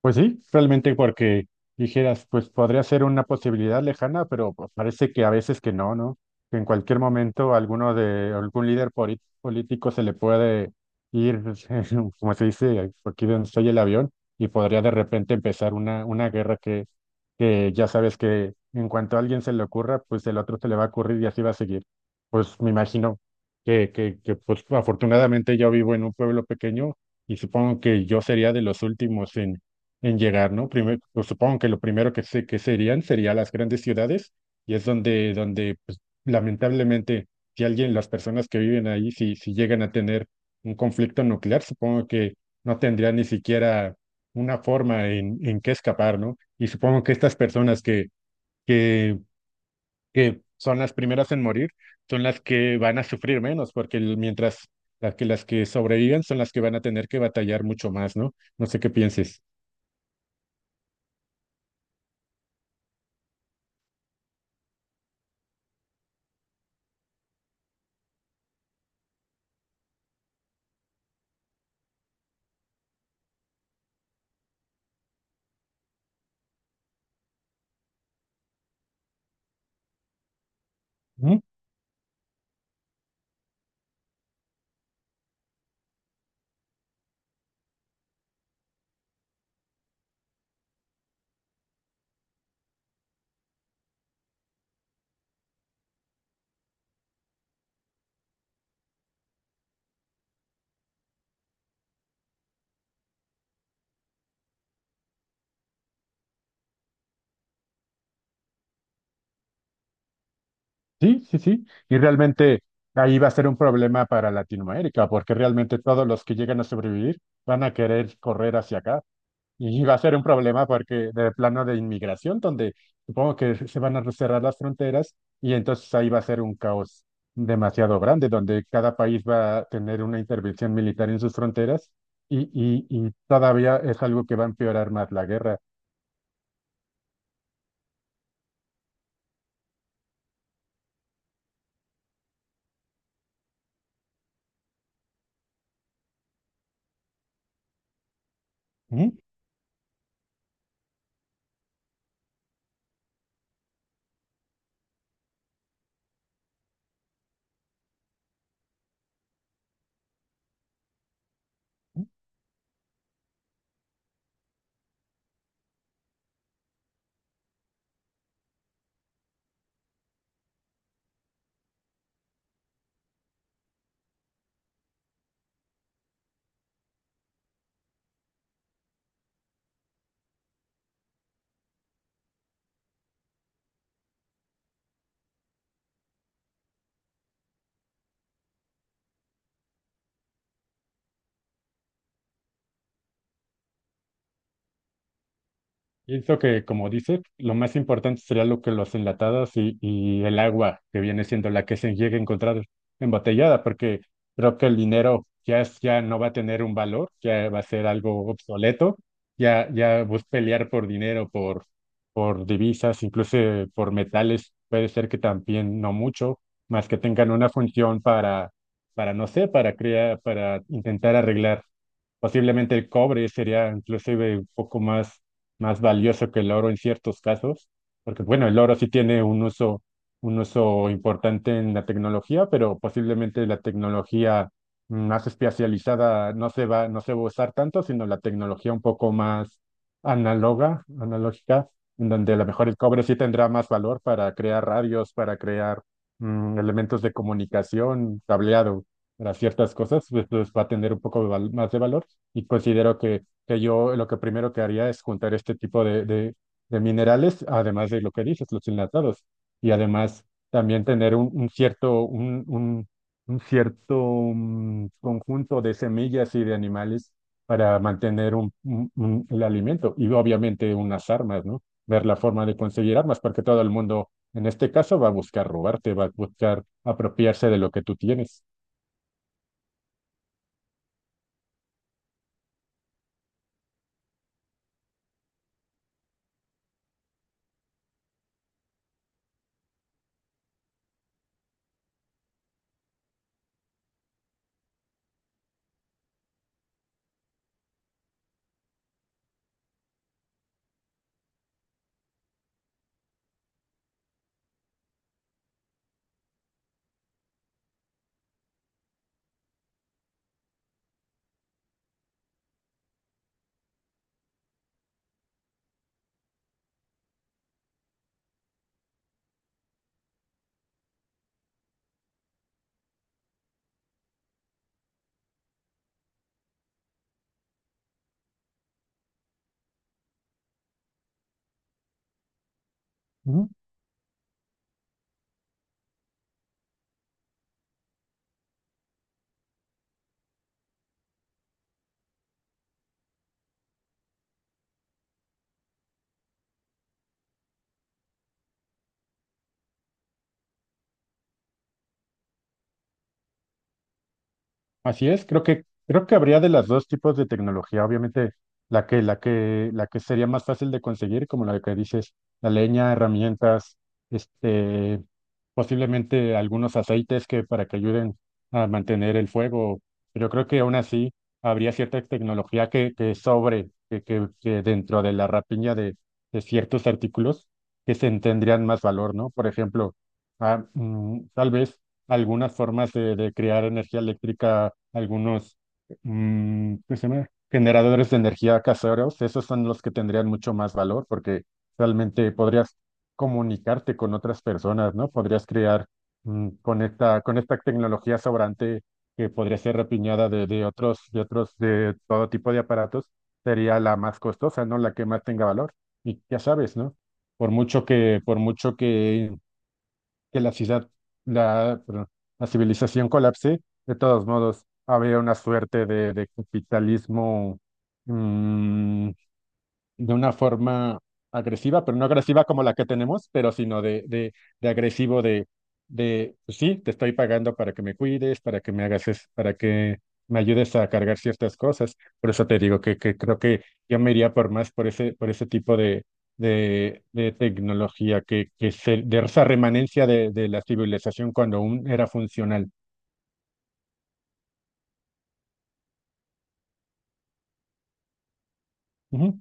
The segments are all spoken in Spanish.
Pues sí, realmente porque dijeras, pues podría ser una posibilidad lejana, pero pues, parece que a veces que no, ¿no? Que en cualquier momento alguno de algún líder político se le puede ir, como se dice, aquí donde estoy el avión, y podría de repente empezar una guerra que ya sabes que en cuanto a alguien se le ocurra, pues el otro se le va a ocurrir y así va a seguir. Pues me imagino que pues afortunadamente yo vivo en un pueblo pequeño y supongo que yo sería de los últimos en llegar, ¿no? Primero, pues, supongo que lo primero que sé que serían sería las grandes ciudades y es donde, donde pues, lamentablemente, si alguien, las personas que viven ahí, si, llegan a tener un conflicto nuclear, supongo que no tendrían ni siquiera una forma en qué escapar, ¿no? Y supongo que estas personas que, que son las primeras en morir son las que van a sufrir menos, porque mientras las que sobreviven son las que van a tener que batallar mucho más, ¿no? No sé qué pienses. Sí, sí, sí. Y realmente ahí va a ser un problema para Latinoamérica, porque realmente todos los que llegan a sobrevivir van a querer correr hacia acá. Y va a ser un problema porque de plano de inmigración, donde supongo que se van a cerrar las fronteras y entonces ahí va a ser un caos demasiado grande, donde cada país va a tener una intervención militar en sus fronteras y todavía es algo que va a empeorar más la guerra. Pienso que, como dices, lo más importante sería lo que los enlatados y el agua, que viene siendo la que se llegue a encontrar embotellada, porque creo que el dinero ya, ya no va a tener un valor, ya va a ser algo obsoleto, ya, ya vos pelear por dinero, por divisas, incluso por metales, puede ser que también no mucho, más que tengan una función para no sé, para crear, para intentar arreglar. Posiblemente el cobre sería inclusive un poco más valioso que el oro en ciertos casos, porque bueno, el oro sí tiene un uso importante en la tecnología, pero posiblemente la tecnología más especializada no se va a usar tanto, sino la tecnología un poco más análoga, analógica, en donde a lo mejor el cobre sí tendrá más valor para crear radios, para crear elementos de comunicación, cableado para ciertas cosas, pues, pues va a tener un poco de más de valor y considero que yo lo que primero que haría es juntar este tipo de minerales, además de lo que dices, los enlatados, y además también tener un cierto conjunto de semillas y de animales para mantener el alimento y obviamente unas armas, ¿no? Ver la forma de conseguir armas, porque todo el mundo en este caso va a buscar robarte, va a buscar apropiarse de lo que tú tienes. Así es, creo que habría de las dos tipos de tecnología, obviamente la que sería más fácil de conseguir, como la que dices, la leña, herramientas, este, posiblemente algunos aceites que para que ayuden a mantener el fuego, pero creo que aún así habría cierta tecnología que sobre que dentro de la rapiña de ciertos artículos que se tendrían más valor, ¿no? Por ejemplo, tal vez algunas formas de crear energía eléctrica, algunos ¿cómo se llama? Generadores de energía caseros, esos son los que tendrían mucho más valor porque realmente podrías comunicarte con otras personas, ¿no? Podrías crear con esta tecnología sobrante que podría ser repiñada de, de otros, de todo tipo de aparatos, sería la más costosa, ¿no? La que más tenga valor. Y ya sabes, ¿no? Por mucho que la ciudad, la, perdón, la civilización colapse, de todos modos, habría una suerte de capitalismo mm, de una forma agresiva, pero no agresiva como la que tenemos, pero sino de agresivo, de, pues sí, te estoy pagando para que me cuides, para que me hagas, para que me ayudes a cargar ciertas cosas. Por eso te digo que creo que yo me iría por más por ese tipo de tecnología, que se, de esa remanencia de la civilización cuando aún era funcional. Ujú.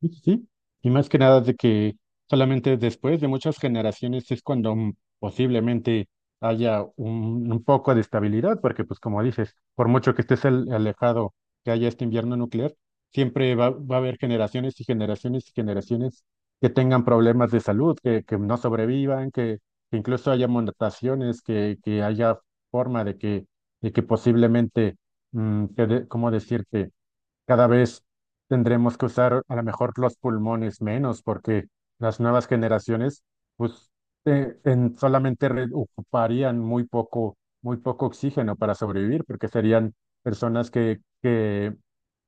Sí, sí, sí. Y más que nada de que solamente después de muchas generaciones es cuando posiblemente haya un poco de estabilidad, porque pues como dices, por mucho que estés alejado que haya este invierno nuclear, siempre va a haber generaciones y generaciones y generaciones que tengan problemas de salud, que no sobrevivan, que incluso haya mutaciones, que haya forma de que posiblemente, ¿cómo decirte? Cada vez tendremos que usar a lo mejor los pulmones menos porque las nuevas generaciones pues solamente ocuparían muy poco oxígeno para sobrevivir porque serían personas que, que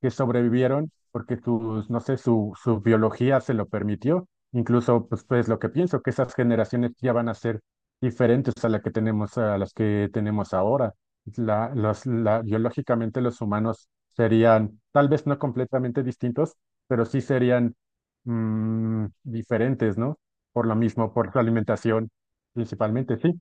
que sobrevivieron porque sus, no sé, su biología se lo permitió. Incluso, pues, lo que pienso, que esas generaciones ya van a ser diferentes a la que tenemos, a las que tenemos ahora. Biológicamente los humanos serían tal vez no completamente distintos, pero sí serían diferentes, ¿no? Por lo mismo, por su alimentación principalmente, sí.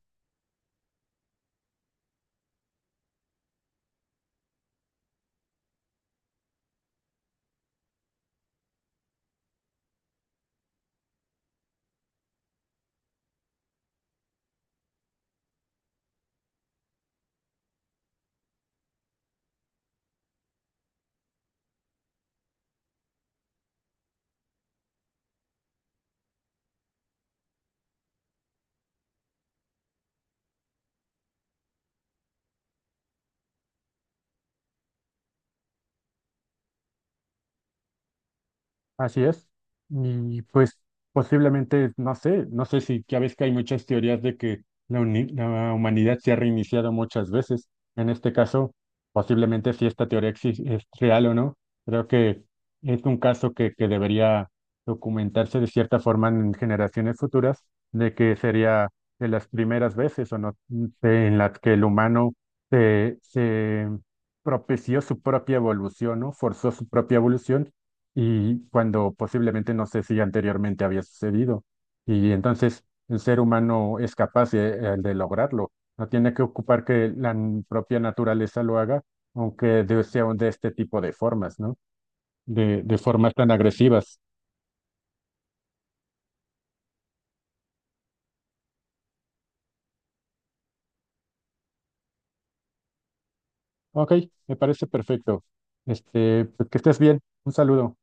Así es. Y pues posiblemente, no sé, no sé si ya ves que hay muchas teorías de que la, la humanidad se ha reiniciado muchas veces. En este caso, posiblemente si esta es real o no, creo que es un caso que debería documentarse de cierta forma en generaciones futuras, de que sería de las primeras veces o no sé, en las que el humano se propició su propia evolución, ¿no? Forzó su propia evolución y cuando posiblemente no sé si anteriormente había sucedido. Y entonces el ser humano es capaz de lograrlo. No tiene que ocupar que la propia naturaleza lo haga, aunque sea de este tipo de formas, ¿no? De formas tan agresivas. Ok, me parece perfecto. Este, pues que estés bien. Un saludo.